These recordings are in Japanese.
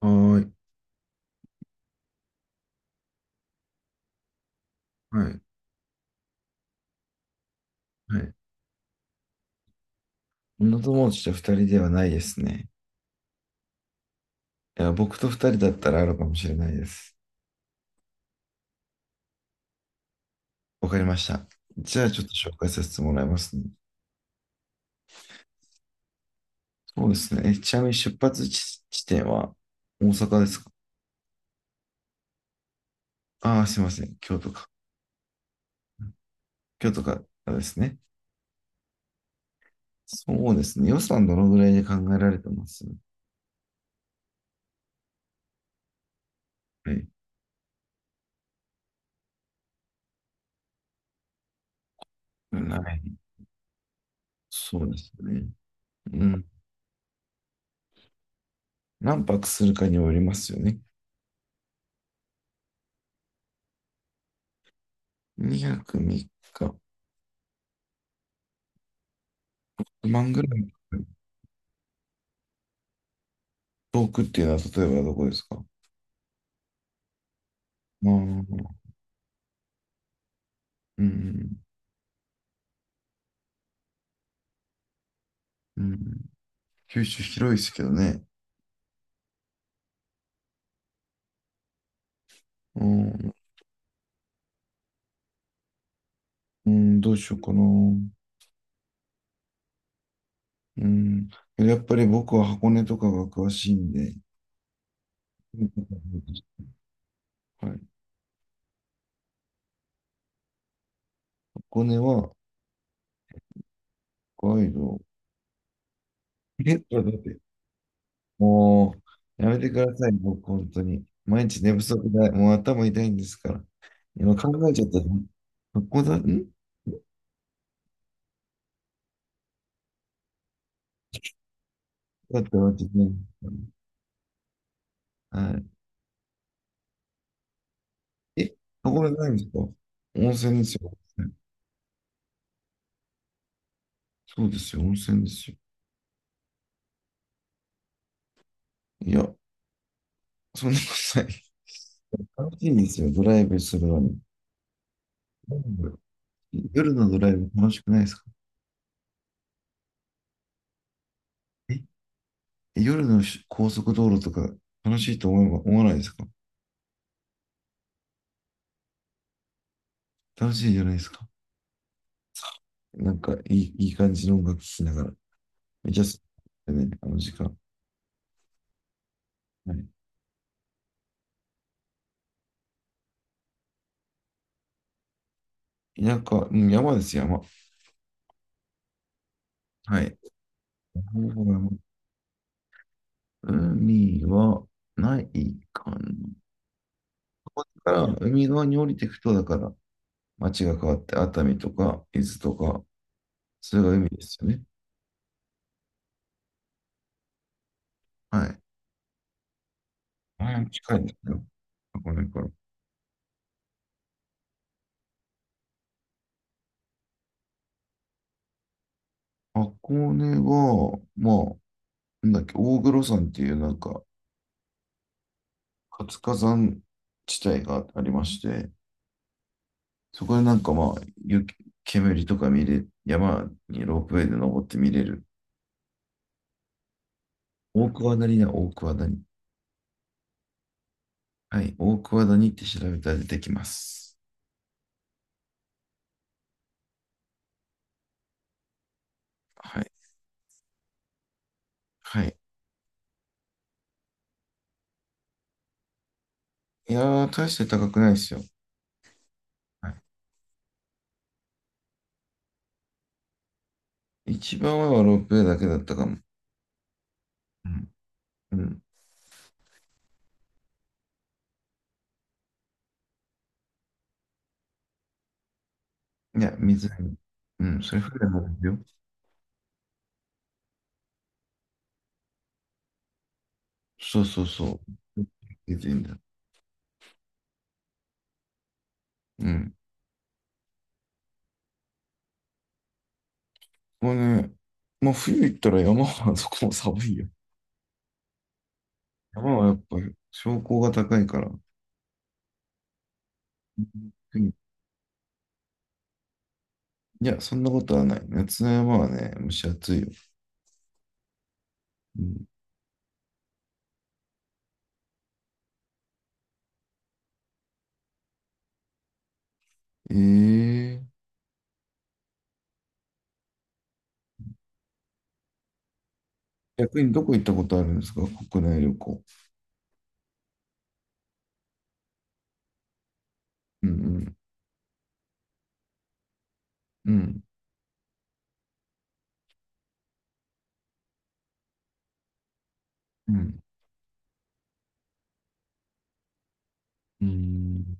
はーい。はい。はい。女友達と二人ではないですね。いや、僕と二人だったらあるかもしれないです。わかりました。じゃあちょっと紹介させてもらいますね。そうですね。ちなみに出発地、地点は大阪ですか？ああー、すいません。京都か。京都からですね。そうですね。予算どのぐらいで考えられてます？はい。ない。そうですね。うん。何泊するかによりますよね。2泊3日。万ぐらい。遠くっていうのは例えばどこですか？まあ、うん、うん、うん。九州広いですけどね。うん、うん、どうしようかな。うん。やっぱり僕は箱根とかが詳しいんで。はい。箱根は北海道。え、ちょっと待って。もう、やめてください、僕、本当に。毎日寝不足だ。もう頭痛いんですから。今考えちゃった。箱根、ん、だって待ってね。はい。え、箱根ないんですか？温泉ですよ。そうですよ、温泉ですよ。いや、そんなことない。楽しいんですよ、ドライブするのに。うん。夜のドライブ楽しくないですか？え、夜のし高速道路とか楽しいと思えば思わないですか？楽しいじゃないですか？なんかいい、いい感じの音楽聴きながら。めっちゃ好きね、あの時間。はい。田舎、うん、山です、山。はい。山海はないかな。だから、海側に降りていくと、だから、町が変わって熱海とか伊豆とか、それが海ですよね。はい。あれ近いんですよ。箱根から。箱根は、まあ、なんだっけ、大黒山っていうなんか活火山地帯がありまして、そこでなんかまあ、雪煙とか見れ、山にロープウェイで登って見れる。大桑谷だ、大桑谷。はい、大桑谷って調べたら出てきます。はい。はい。いやー、大して高くないですよ。はい。一番上はロープウェイだけだったかも。うん。うん。いや、水に。うん、それ船もあるよ。そうそうそう。出てんだ。うん。これね、まあ冬行ったら山は そこも寒いよ。山はやっぱ標高が高いから。うん。いや、そんなことはない。夏の山はね、蒸し暑いよ。うん、ええ逆にどこ行ったことあるんですか？国内旅行。うんうん。うん。うん。うん。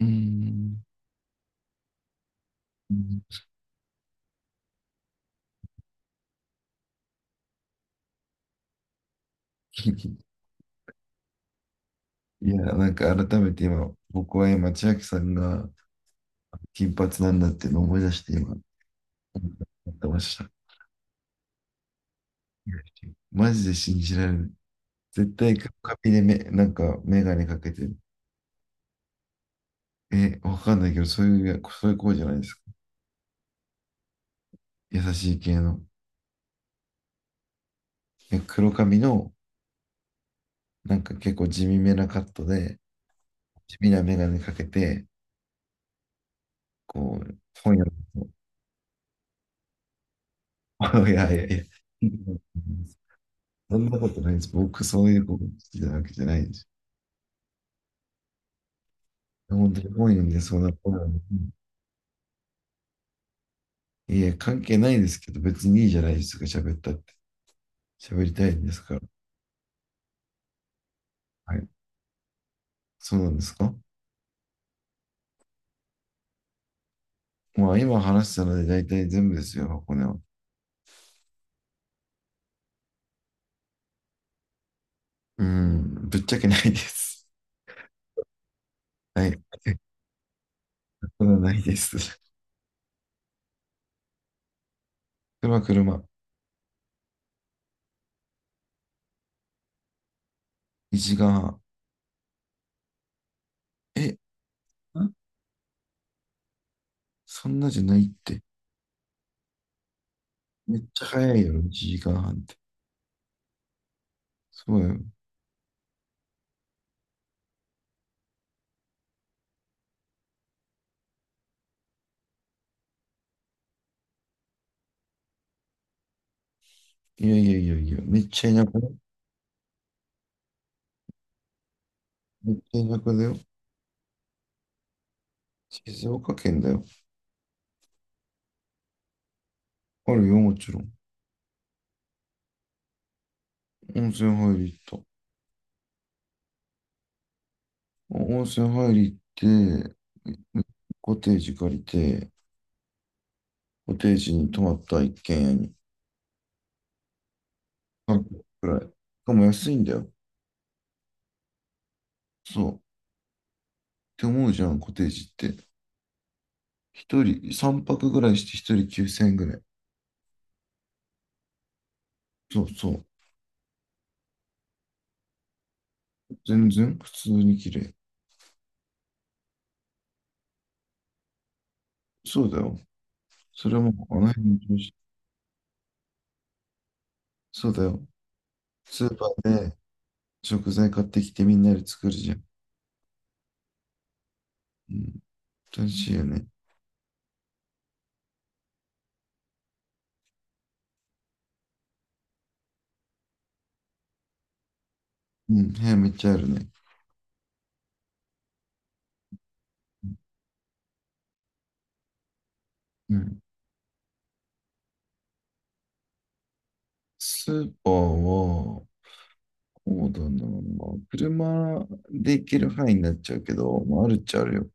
うん。いや、なんか改めて今、僕は今、千秋さんが金髪なんだっていうのを思い出して今、思ってました。マジで信じられない。絶対カピカピでなんかメガネかけてる。え、わかんないけど、そういう、そういう子じゃないですか。優しい系の。え、黒髪の、なんか結構地味めなカットで、地味なメガネかけて、こう、本屋の人、いやいやいや、そんなことないです。僕、そういう子好きなわけじゃないです。本当に本読んでそうな子なんで。いや、関係ないですけど、別にいいじゃないですか、喋ったって。喋りたいんですから。はい。そうなんですか？まあ、今話したので大体全部ですよ、箱根は。うん、ぶっちゃけないです。はい。そんなないです。車、車。1時間半。え、んそんなじゃないって。めっちゃ早いよ、1時間半って。そうよ。いやいやいやいや、めっちゃ田舎だよ。めっちゃ田舎だよ。静岡県だよ。あるよ、もちろん。温泉入り行った。温泉入り行って、コテージ借りて、コテージに泊まった一軒家に半泊くらい。しかも安いんだよ。そう。って思うじゃん、コテージって。一人、三泊ぐらいして一人9千円ぐらい。そうそう。全然普通に綺麗。そうだよ。それはもう、あの辺の調子。そうだよ。スーパーで食材買ってきてみんなで作るじゃん。うん。楽しいよね。うん。部屋めっちゃあるね。うん。スーパーは、そうだな。車で行ける範囲になっちゃうけど、まあ、あるっちゃあるよ。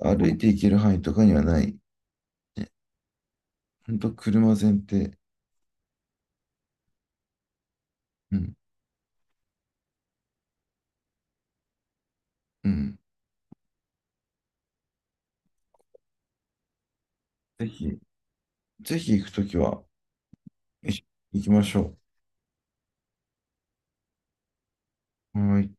歩いて行ける範囲とかにはない。ね、ほんと車前提。うん、うん。ぜひ、ぜひ行くときは、一緒に行きましょう。はい。